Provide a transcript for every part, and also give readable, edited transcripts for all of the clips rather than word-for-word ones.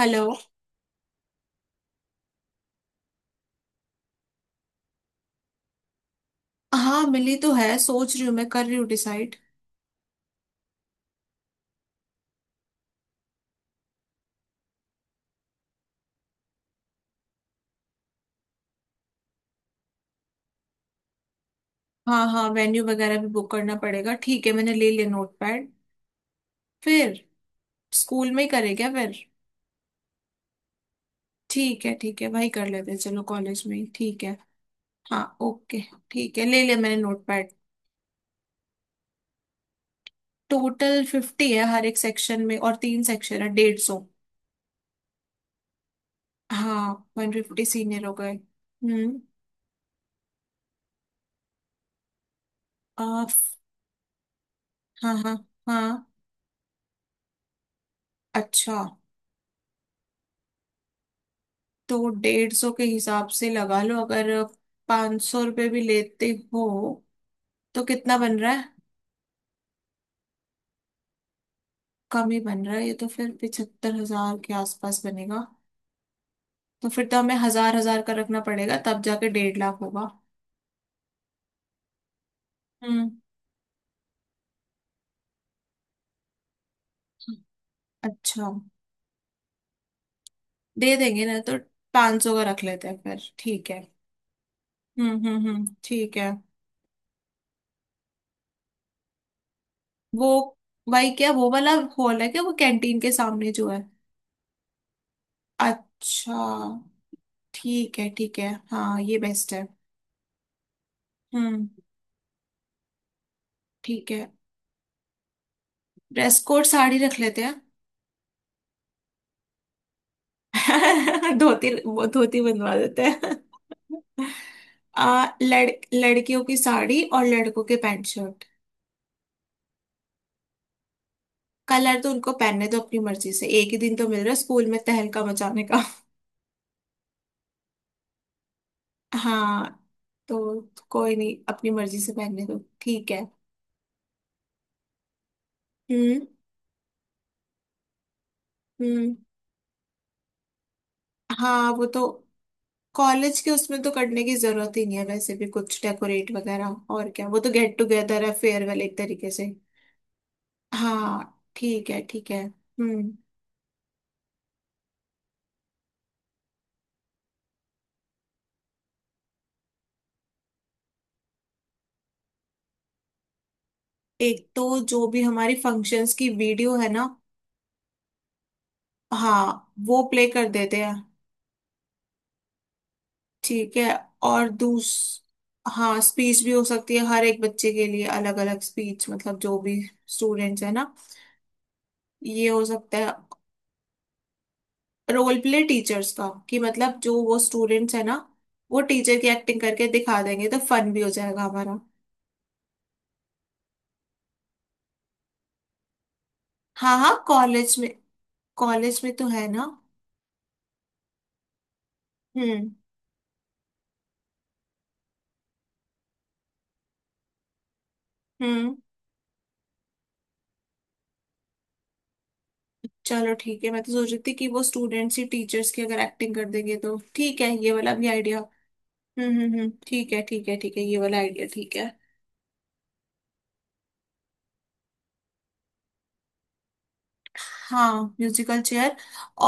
Hello. हाँ मिली तो है, सोच रही हूँ, मैं कर रही हूँ डिसाइड। हाँ हाँ वेन्यू वगैरह भी बुक करना पड़ेगा। ठीक है, मैंने ले लिया नोटपैड। फिर। स्कूल में ही करें क्या फिर। ठीक है ठीक है, वही कर लेते हैं, चलो कॉलेज में ही, ठीक है। हाँ, ओके। ठीक है, ले लिया मैंने नोटपैड। टोटल फिफ्टी है हर एक सेक्शन में, और तीन सेक्शन है, 150। हाँ। 150 सीनियर हो गए। हम्म। आ, हाँ हाँ। हाँ। अच्छा। तो 150 के हिसाब से लगा लो, अगर 500 रुपये भी लेते हो तो कितना बन रहा है। कम ही बन रहा है ये तो, फिर 75,000 के आसपास बनेगा। तो फिर तो हमें हजार हजार का रखना पड़ेगा, तब जाके 1.5 लाख होगा। हम्म। अच्छा। दे देंगे ना तो। 500 का रख लेते हैं फिर, ठीक है। हम्म, ठीक है। वो भाई, क्या वो वाला हॉल है क्या, वो कैंटीन के सामने जो है। अच्छा। ठीक है ठीक है, हाँ ये बेस्ट है। हम्म। ठीक है। ड्रेस कोड साड़ी रख लेते हैं। धोती, वो धोती बनवा देते हैं। लड़कियों की साड़ी और लड़कों के पैंट शर्ट। कलर तो उनको पहनने दो अपनी मर्जी से, एक ही दिन तो मिल रहा है स्कूल में तहलका मचाने का। हाँ। तो कोई नहीं, अपनी मर्जी से पहनने दो ठीक है। हम्म। हम्म। हाँ वो तो कॉलेज के उसमें तो करने की जरूरत ही नहीं है, वैसे भी कुछ डेकोरेट वगैरह, और क्या, वो तो गेट टुगेदर है फेयरवेल एक तरीके से। हाँ ठीक है ठीक है, हम्म। एक तो जो भी हमारी फंक्शंस की वीडियो है ना। हाँ वो प्ले कर देते हैं। ठीक है। और दूस हाँ स्पीच भी हो सकती है, हर एक बच्चे के लिए अलग अलग स्पीच, मतलब जो भी स्टूडेंट्स है ना। ये हो सकता है। रोल प्ले टीचर्स का, कि मतलब जो वो स्टूडेंट्स है ना, वो टीचर की एक्टिंग करके दिखा देंगे तो फन भी हो जाएगा हमारा। हाँ हाँ कॉलेज में। कॉलेज में तो है ना। हम्म। हम्म। चलो ठीक है, मैं तो सोच रही थी कि वो स्टूडेंट्स ही टीचर्स की अगर एक्टिंग कर देंगे तो, ठीक है, ये वाला भी आइडिया। हम्म, ठीक है ठीक है ठीक है, ये वाला आइडिया ठीक है। हाँ। Musical chair.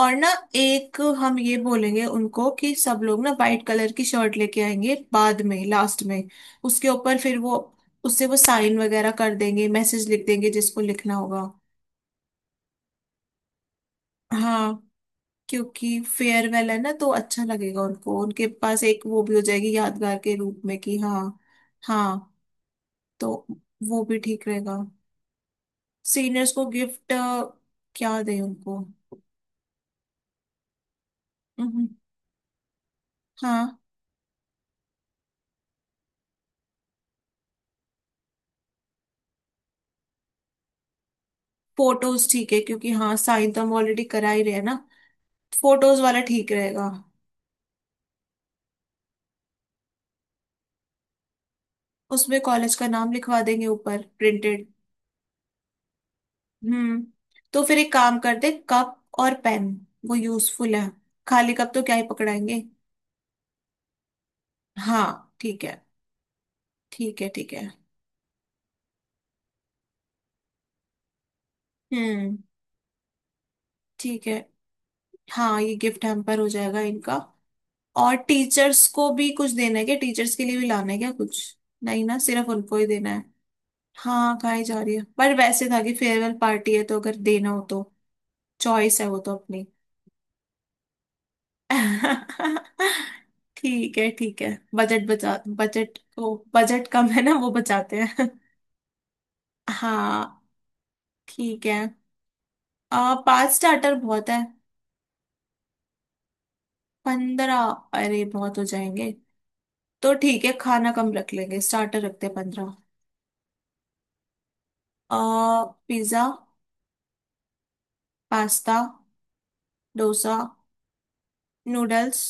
और ना एक हम ये बोलेंगे उनको कि सब लोग ना वाइट कलर की शर्ट लेके आएंगे, बाद में लास्ट में उसके ऊपर फिर वो, उससे वो साइन वगैरह कर देंगे, मैसेज लिख देंगे जिसको लिखना होगा। हाँ। क्योंकि फेयरवेल है ना तो अच्छा लगेगा उनको, उनके पास एक वो भी हो जाएगी यादगार के रूप में, कि हाँ। हाँ। तो वो भी ठीक रहेगा। सीनियर्स को गिफ्ट, क्या दें उनको। हम्म। हाँ। फोटोज ठीक है, क्योंकि हाँ साइन तो हम ऑलरेडी करा ही रहे हैं ना। फोटोज वाला ठीक रहेगा। उसमें कॉलेज का नाम लिखवा देंगे ऊपर, प्रिंटेड। हम्म। तो फिर एक काम करते, कप और पेन। वो यूजफुल है, खाली कप तो क्या ही पकड़ाएंगे। हाँ ठीक है। ठीक है ठीक है। हम्म। ठीक है। हाँ, ये गिफ्ट हैम्पर हो जाएगा इनका। और टीचर्स को भी कुछ देना है क्या, टीचर्स के लिए भी लाना है क्या कुछ। नहीं ना, सिर्फ उनको ही देना है। हाँ खाई जा रही है, पर वैसे था कि फेयरवेल पार्टी है तो अगर देना हो तो। चॉइस है वो तो अपनी। ठीक है ठीक है। बजट बचा, बजट, वो बजट कम है ना वो बचाते हैं। हाँ। ठीक है। पांच स्टार्टर बहुत है। 15, अरे बहुत हो जाएंगे। तो ठीक है, खाना कम रख लेंगे, स्टार्टर रखते हैं 15। आ पिज्जा। पास्ता। डोसा। नूडल्स।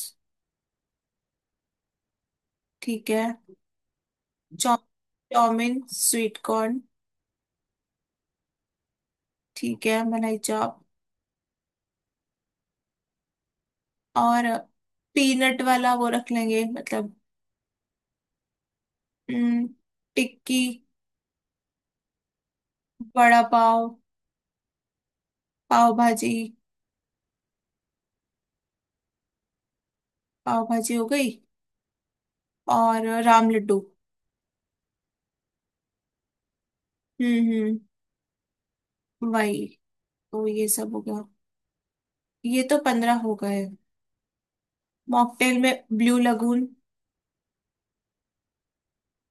ठीक है। Chow chowmein, sweet corn. ठीक है, मलाई चाप। और पीनट वाला वो रख लेंगे, मतलब। हम्म। टिक्की। बड़ा पाव। पाव भाजी। पाव भाजी हो गई। और राम लड्डू। हम्म। वही। तो ये सब हो गया। ये तो 15 हो गए। मॉकटेल में ब्लू लगून।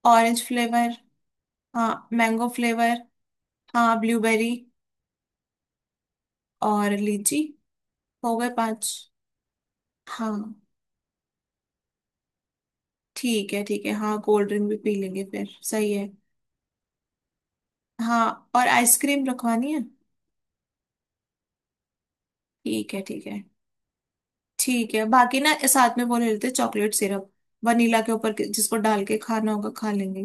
Orange flavour. हाँ, मैंगो फ्लेवर। हाँ, ब्लूबेरी। और लीची। हो गए पांच। हाँ ठीक है ठीक है, हाँ कोल्ड ड्रिंक भी पी लेंगे फिर, सही है। हाँ, और आइसक्रीम रखवानी है। ठीक है ठीक है ठीक है, बाकी ना साथ में वो ले लेते चॉकलेट सिरप, वनीला के ऊपर जिसको डाल के खाना होगा खा लेंगे।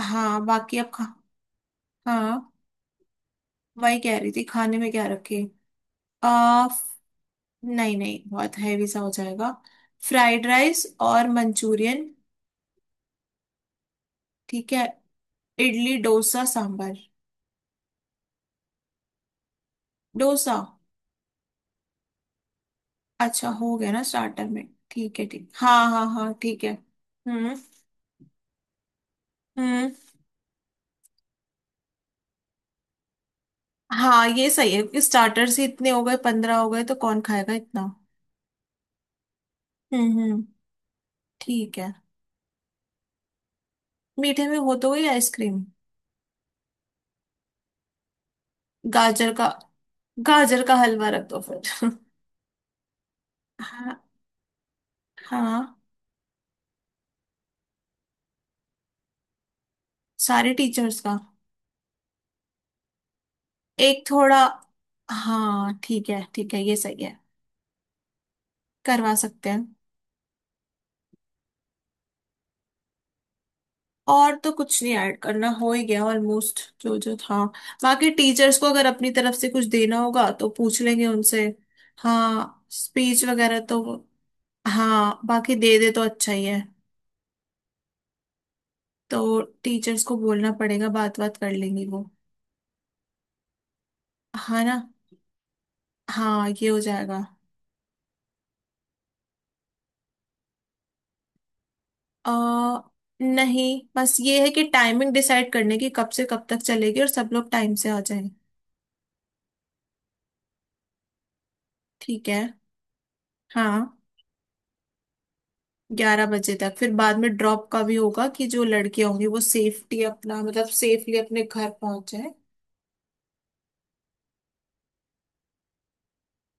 हाँ बाकी अब खा। हाँ वही कह रही थी खाने में क्या रखे। आ नहीं नहीं, बहुत हैवी सा हो जाएगा। फ्राइड राइस और मंचूरियन। ठीक है, इडली डोसा सांभर। डोसा। अच्छा हो गया ना स्टार्टर में, ठीक है ठीक, हाँ हाँ हाँ ठीक है। हम्म हम्म। हाँ ये सही है, क्योंकि स्टार्टर से इतने हो गए, 15 हो गए तो कौन खाएगा इतना। हम्म। ठीक है। मीठे में हो तो गई आइसक्रीम। गाजर का, गाजर का हलवा रख दो फिर। हाँ। हाँ, सारे टीचर्स का। एक थोड़ा, हाँ ठीक है ये सही है। करवा सकते हैं। और तो कुछ नहीं ऐड करना, हो ही गया ऑलमोस्ट जो जो था। बाकी टीचर्स को अगर अपनी तरफ से कुछ देना होगा तो पूछ लेंगे उनसे। हाँ स्पीच वगैरह तो, हाँ बाकी दे दे तो अच्छा ही है। तो टीचर्स को बोलना पड़ेगा, बात बात कर लेंगी वो। हाँ ना। हाँ, ये हो जाएगा। आ, नहीं, बस ये है कि टाइमिंग डिसाइड करने की, कब से कब तक चलेगी और सब लोग टाइम से आ जाएं। ठीक है। हाँ। 11 बजे तक, फिर बाद में ड्रॉप का भी होगा कि जो लड़कियां होंगी वो सेफ्टी अपना, मतलब सेफली अपने घर पहुंच जाए।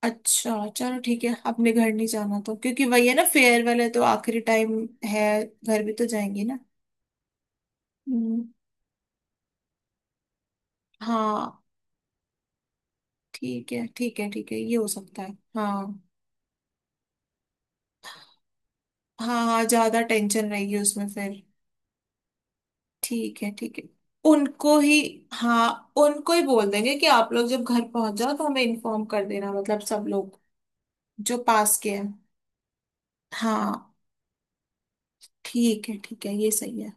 अच्छा चलो ठीक है, अपने घर नहीं जाना तो, क्योंकि वही है ना, फेयरवेल है तो आखिरी टाइम है, घर भी तो जाएंगे ना। हम्म। हाँ ठीक है ठीक है ठीक है, ये हो सकता है। हाँ। हाँ हाँ, ज्यादा टेंशन रहेगी उसमें फिर। ठीक है ठीक है। उनको ही, हाँ उनको ही बोल देंगे कि आप लोग जब घर पहुंच जाओ तो हमें इन्फॉर्म कर देना, मतलब सब लोग जो पास के हैं। हाँ। ठीक है ठीक है, ये सही है।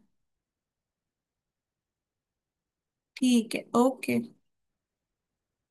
ठीक है, ओके।